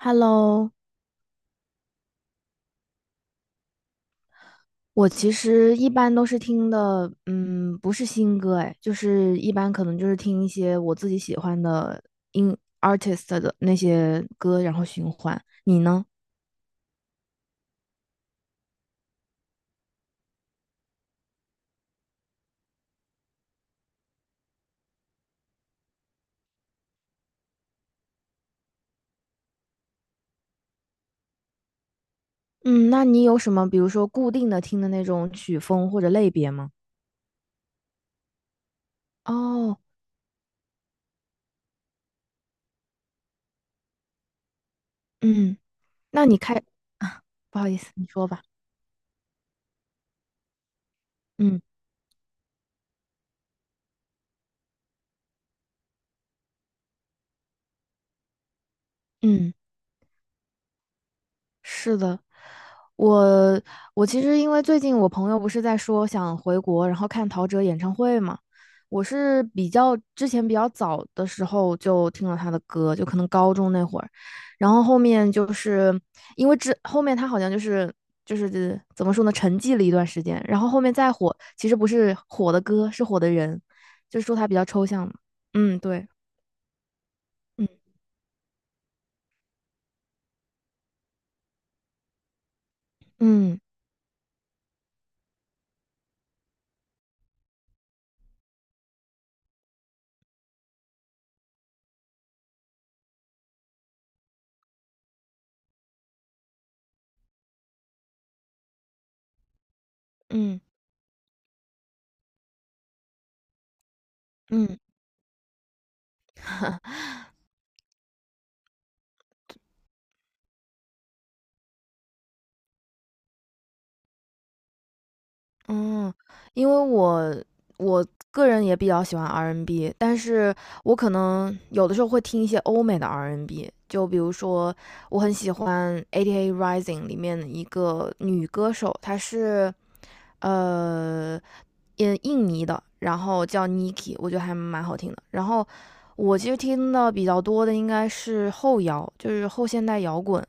Hello，我其实一般都是听的，不是新歌，哎，就是一般可能就是听一些我自己喜欢的音 artist 的那些歌，然后循环。你呢？嗯，那你有什么，比如说固定的听的那种曲风或者类别吗？哦，嗯，那你开，啊，不好意思，你说吧。嗯嗯。是的，我我其实因为最近我朋友不是在说想回国，然后看陶喆演唱会嘛，我是比较之前比较早的时候就听了他的歌，就可能高中那会儿，然后后面就是因为之后面他好像就是怎么说呢，沉寂了一段时间，然后后面再火，其实不是火的歌，是火的人，就是说他比较抽象嘛，嗯，对，嗯嗯嗯嗯，嗯，因为我个人也比较喜欢 R&B，N 但是我可能有的时候会听一些欧美的 R&B，N 就比如说我很喜欢8 A Rising 里面的一个女歌手，她是呃印尼的，然后叫 Niki，我觉得还蛮好听的。然后我其实听的比较多的应该是后摇，就是后现代摇滚。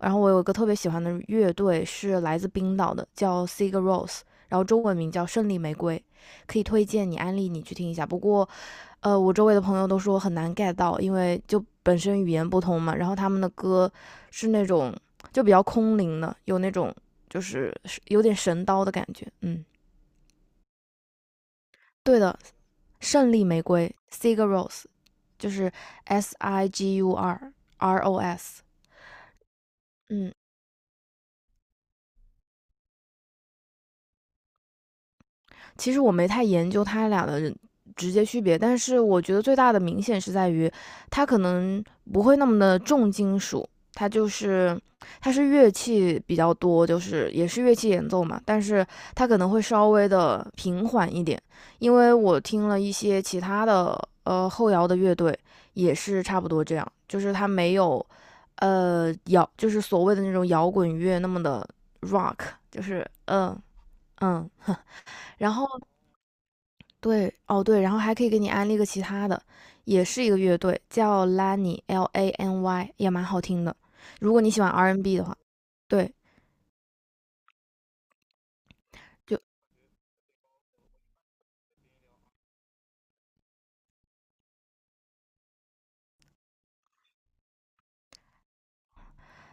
然后我有一个特别喜欢的乐队是来自冰岛的，叫 Sigur Rós。然后中文名叫《胜利玫瑰》，可以推荐你安利你去听一下。不过，我周围的朋友都说很难 get 到，因为就本身语言不通嘛，然后他们的歌是那种就比较空灵的，有那种就是有点神刀的感觉。嗯，对的，《胜利玫瑰》（Sigur Ros） 就是 S I G U R R O S。嗯，其实我没太研究它俩的直接区别，但是我觉得最大的明显是在于，它可能不会那么的重金属，它就是它是乐器比较多，就是也是乐器演奏嘛，但是它可能会稍微的平缓一点，因为我听了一些其他的后摇的乐队也是差不多这样，就是它没有摇，就是所谓的那种摇滚乐那么的 rock，就是嗯，然后对，哦对，然后还可以给你安利个其他的，也是一个乐队，叫 Lany L A N Y，也蛮好听的。如果你喜欢 R&B n 的话，对，就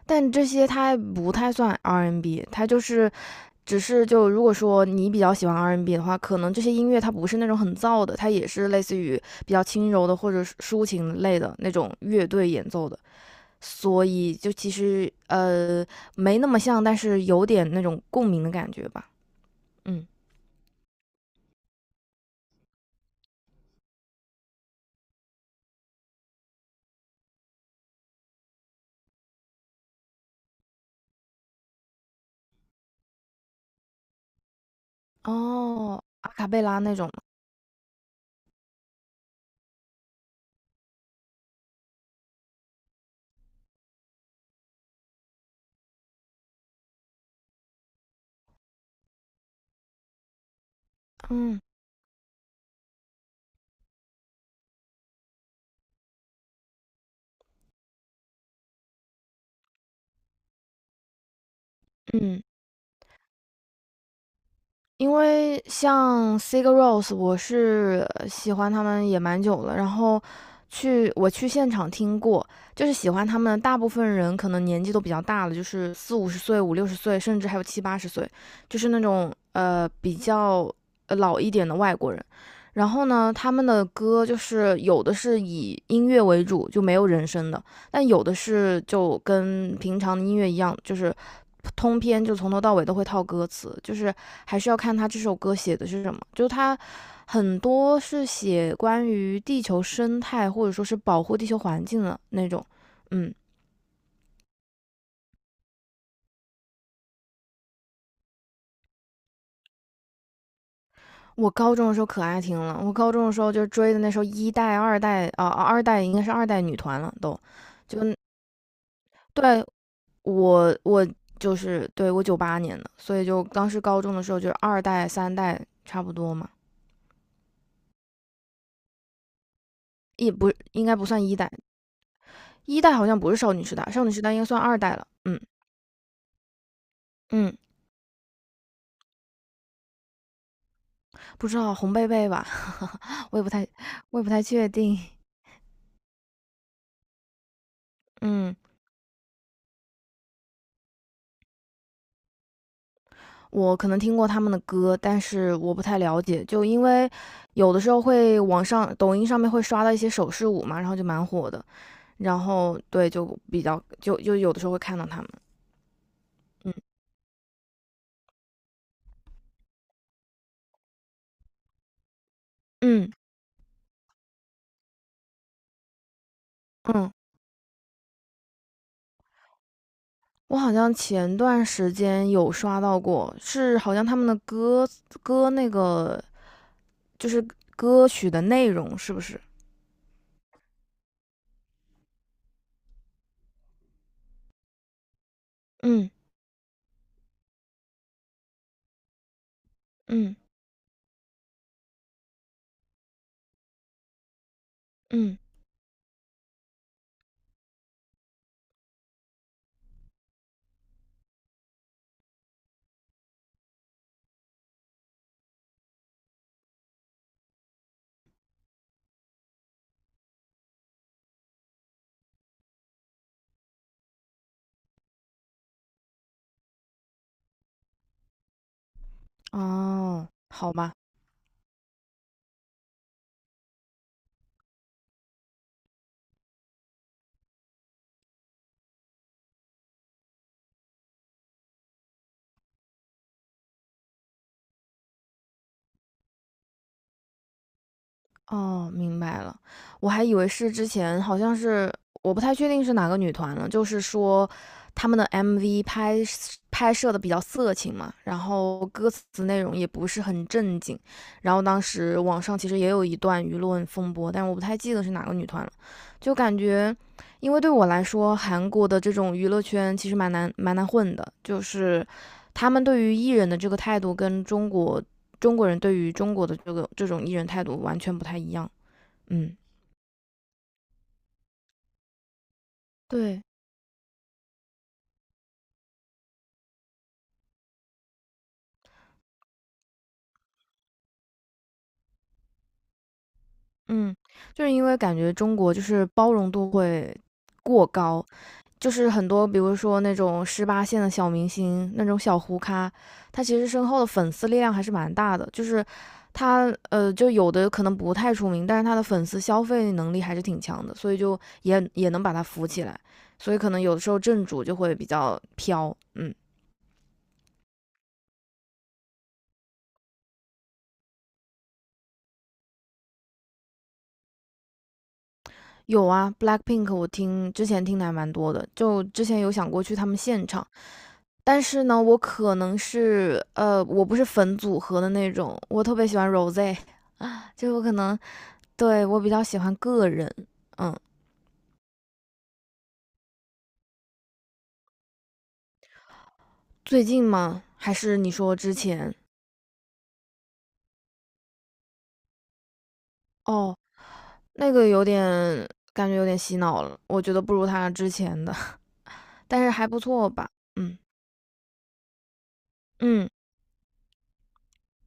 但这些它不太算 R&B，n 它就是只是就如果说你比较喜欢 R&B n 的话，可能这些音乐它不是那种很燥的，它也是类似于比较轻柔的或者是抒情类的那种乐队演奏的，所以就其实没那么像，但是有点那种共鸣的感觉吧，嗯。哦，阿卡贝拉那种吗？嗯嗯，因为像 Sigur Rós，我是喜欢他们也蛮久了，然后我去现场听过，就是喜欢他们大部分人可能年纪都比较大了，就是四五十岁、五六十岁，甚至还有七八十岁，就是那种比较老一点的外国人。然后呢，他们的歌就是有的是以音乐为主，就没有人声的，但有的是就跟平常的音乐一样，就是。通篇就从头到尾都会套歌词，就是还是要看他这首歌写的是什么。就是他很多是写关于地球生态或者说是保护地球环境的那种。嗯，我高中的时候可爱听了，我高中的时候就追的那时候一代、二代啊、二代应该是二代女团了，都就对我就是对我98年的，所以就当时高中的时候就是二代、三代差不多嘛，也不应该不算一代。一代好像不是少女时代，少女时代应该算二代了。嗯嗯，不知道红贝贝吧，我也不太，我也不太确定。嗯，我可能听过他们的歌，但是我不太了解，就因为有的时候会网上抖音上面会刷到一些手势舞嘛，然后就蛮火的，然后对就比较就有的时候会看到他们。嗯嗯嗯，我好像前段时间有刷到过，是好像他们的歌那个就是歌曲的内容是不是？嗯。嗯嗯，哦，好吧，哦，明白了。我还以为是之前好像是我不太确定是哪个女团了，就是说他们的 MV 拍摄拍摄的比较色情嘛，然后歌词内容也不是很正经，然后当时网上其实也有一段舆论风波，但我不太记得是哪个女团了，就感觉因为对我来说，韩国的这种娱乐圈其实蛮难蛮难混的，就是。他们对于艺人的这个态度跟中国人对于中国的这种艺人态度完全不太一样。嗯，对，嗯，就是因为感觉中国就是包容度会过高，就是很多比如说那种18线的小明星，那种小糊咖，他其实身后的粉丝力量还是蛮大的，就是。他就有的可能不太出名，但是他的粉丝消费能力还是挺强的，所以就也能把他扶起来，所以可能有的时候正主就会比较飘，嗯。有啊，Blackpink 我听之前听的还蛮多的，就之前有想过去他们现场，但是呢，我可能是我不是粉组合的那种，我特别喜欢 Rose，啊，就我可能对我比较喜欢个人，嗯，最近吗？还是你说之前？哦，那个有点感觉有点洗脑了，我觉得不如他之前的，但是还不错吧，嗯嗯。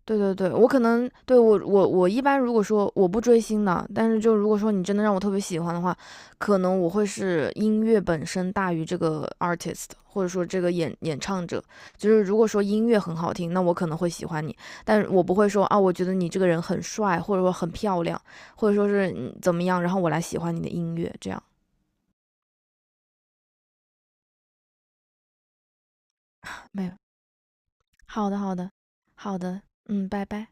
对对对，我可能对我一般如果说我不追星的，但是就如果说你真的让我特别喜欢的话，可能我会是音乐本身大于这个 artist，或者说这个演唱者。就是如果说音乐很好听，那我可能会喜欢你，但我不会说啊，我觉得你这个人很帅，或者说很漂亮，或者说是怎么样，然后我来喜欢你的音乐这样。没有，好的好的好的，拜拜。